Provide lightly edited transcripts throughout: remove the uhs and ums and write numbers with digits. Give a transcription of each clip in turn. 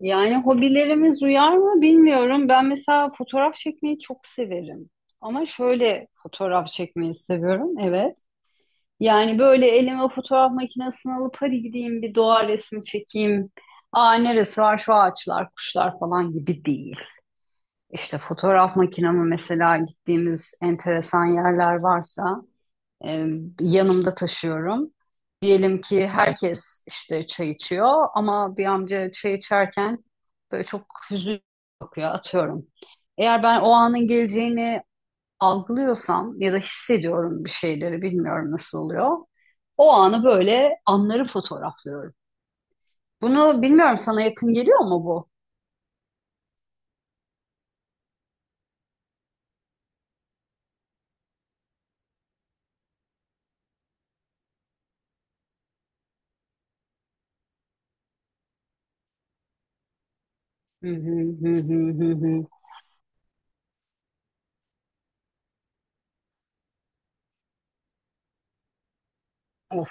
Yani hobilerimiz uyar mı bilmiyorum. Ben mesela fotoğraf çekmeyi çok severim. Ama şöyle fotoğraf çekmeyi seviyorum, evet. Yani böyle elime fotoğraf makinesini alıp hadi gideyim bir doğa resmi çekeyim. Aa neresi var şu ağaçlar, kuşlar falan gibi değil. İşte fotoğraf makinamı mesela gittiğimiz enteresan yerler varsa e, yanımda taşıyorum. Diyelim ki herkes işte çay içiyor ama bir amca çay içerken böyle çok hüzün bakıyor atıyorum. Eğer ben o anın geleceğini algılıyorsam ya da hissediyorum bir şeyleri bilmiyorum nasıl oluyor. O anı böyle anları fotoğraflıyorum. Bunu bilmiyorum sana yakın geliyor mu bu? Hı hı hı hı hı hı. Of.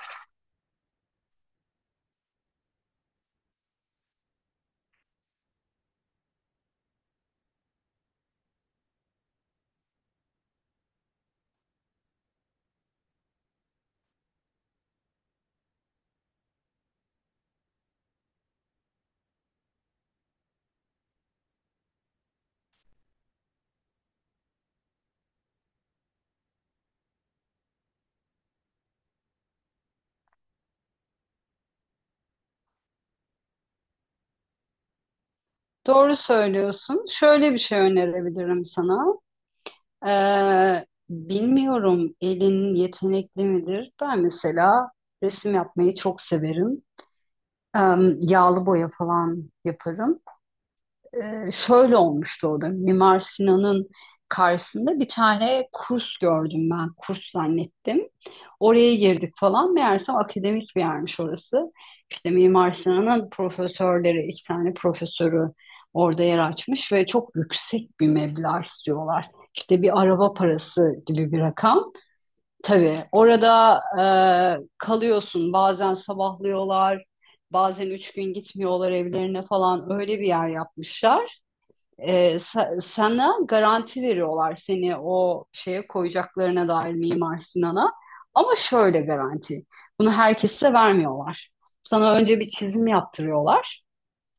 Doğru söylüyorsun. Şöyle bir şey önerebilirim sana. Bilmiyorum elin yetenekli midir? Ben mesela resim yapmayı çok severim. Ee, yağlı boya falan yaparım. Şöyle olmuştu o da. Mimar Sinan'ın karşısında bir tane kurs gördüm ben. Kurs zannettim. Oraya girdik falan. Meğersem akademik bir yermiş orası. İşte Mimar Sinan'ın profesörleri, iki tane profesörü orada yer açmış ve çok yüksek bir meblağ istiyorlar. İşte bir araba parası gibi bir rakam. Tabii orada kalıyorsun. Bazen sabahlıyorlar, bazen üç gün gitmiyorlar evlerine falan. Öyle bir yer yapmışlar sana garanti veriyorlar seni o şeye koyacaklarına dair Mimar Sinan'a. Ama şöyle garanti. Bunu herkese vermiyorlar. Sana önce bir çizim yaptırıyorlar.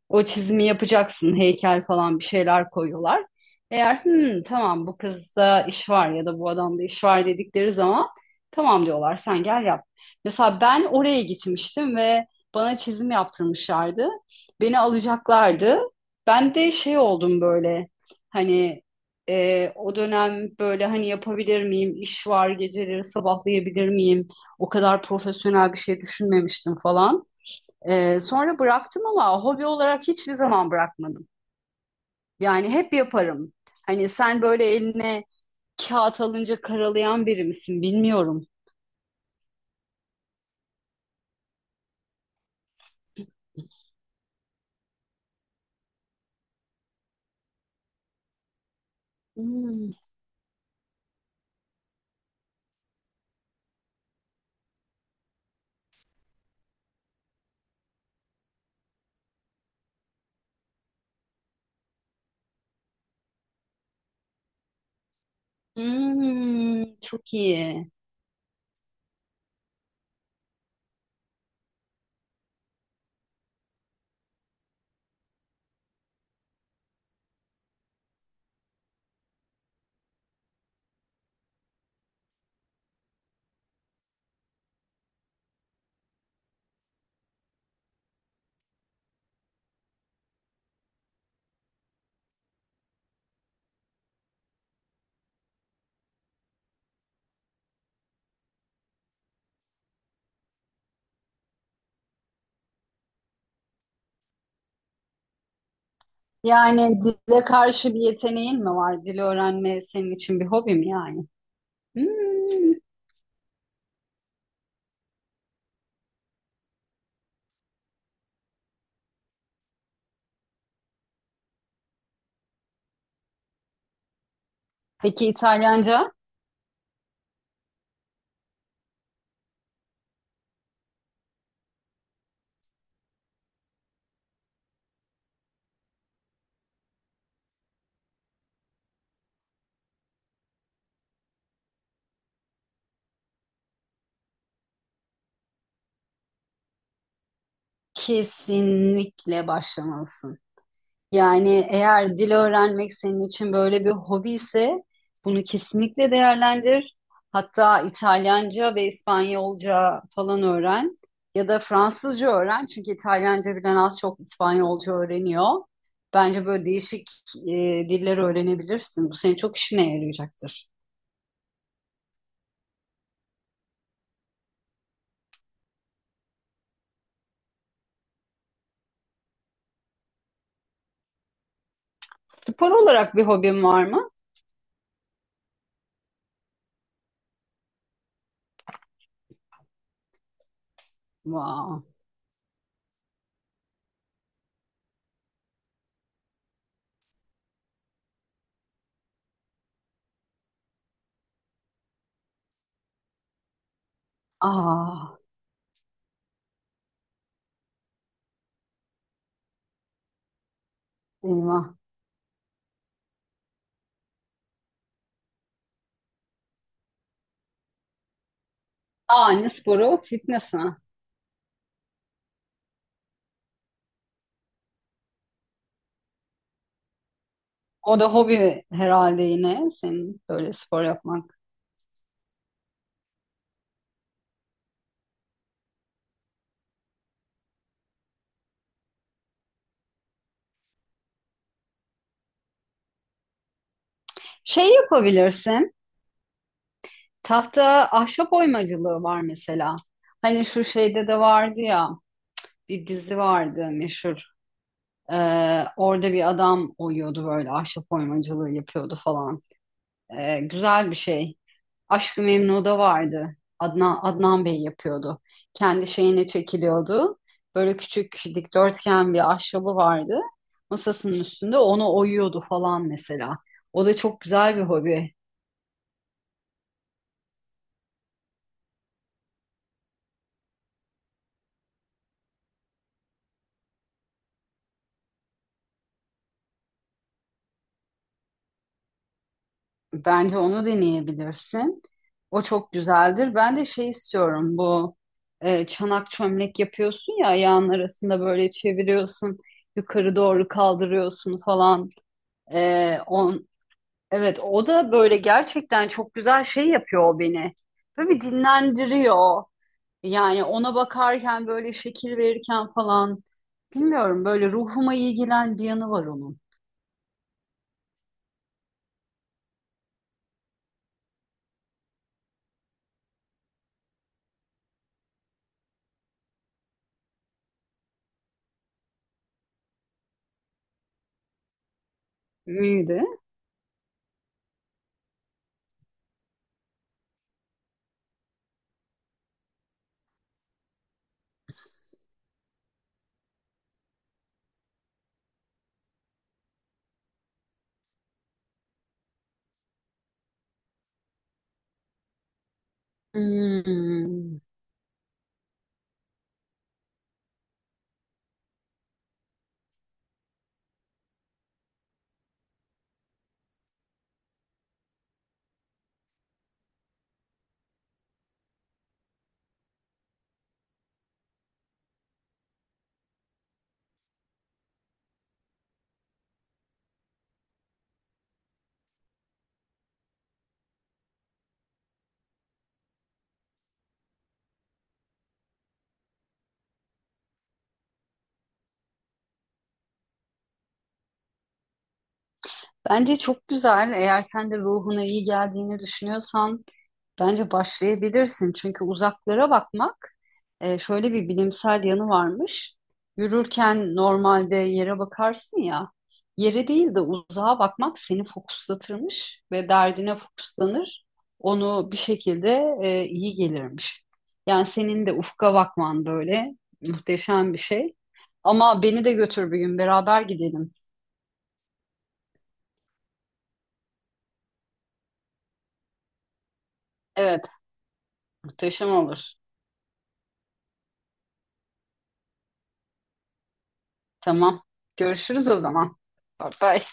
O çizimi yapacaksın, heykel falan bir şeyler koyuyorlar. Eğer "Hmm, tamam bu kızda iş var ya da bu adamda iş var dedikleri zaman tamam diyorlar sen gel yap. Mesela ben oraya gitmiştim ve bana çizim yaptırmışlardı. Beni alacaklardı. Ben de şey oldum böyle hani o dönem böyle hani yapabilir miyim, iş var geceleri sabahlayabilir miyim? O kadar profesyonel bir şey düşünmemiştim falan. Sonra bıraktım ama hobi olarak hiçbir zaman bırakmadım. Yani hep yaparım. Hani sen böyle eline kağıt alınca karalayan biri misin bilmiyorum. Hmm. Çok iyi. Yani dile karşı bir yeteneğin mi var? Dil öğrenme senin için bir hobi mi yani? Hmm. Peki İtalyanca? Kesinlikle başlamalısın. Yani eğer dil öğrenmek senin için böyle bir hobi ise bunu kesinlikle değerlendir. Hatta İtalyanca ve İspanyolca falan öğren ya da Fransızca öğren. Çünkü İtalyanca bilen az çok İspanyolca öğreniyor. Bence böyle değişik e, diller öğrenebilirsin. Bu senin çok işine yarayacaktır. Spor olarak bir hobin var mı? Wow. Aa, eyvah. Aa, ne sporu? Fitness mi? O da hobi herhalde yine senin böyle spor yapman. Şey yapabilirsin. Tahta ahşap oymacılığı var mesela. Hani şu şeyde de vardı ya bir dizi vardı meşhur. Orada bir adam oyuyordu böyle ahşap oymacılığı yapıyordu falan. Güzel bir şey. Aşk-ı Memnu'da vardı. Adnan Bey yapıyordu. Kendi şeyine çekiliyordu. Böyle küçük dikdörtgen bir ahşabı vardı. Masasının üstünde onu oyuyordu falan mesela. O da çok güzel bir hobi. Bence onu deneyebilirsin. O çok güzeldir. Ben de şey istiyorum bu çanak çömlek yapıyorsun ya ayağın arasında böyle çeviriyorsun yukarı doğru kaldırıyorsun falan. E, on, evet o da böyle gerçekten çok güzel şey yapıyor o beni. Böyle bir dinlendiriyor. Yani ona bakarken böyle şekil verirken falan bilmiyorum böyle ruhuma iyi gelen bir yanı var onun. Neydi? Hmm. Bence çok güzel. Eğer sen de ruhuna iyi geldiğini düşünüyorsan bence başlayabilirsin. Çünkü uzaklara bakmak şöyle bir bilimsel yanı varmış. Yürürken normalde yere bakarsın ya, yere değil de uzağa bakmak seni fokuslatırmış ve derdine fokuslanır. Onu bir şekilde iyi gelirmiş. Yani senin de ufka bakman böyle muhteşem bir şey. Ama beni de götür bir gün beraber gidelim. Evet, muhteşem olur. Tamam. Görüşürüz o zaman. Bye bye.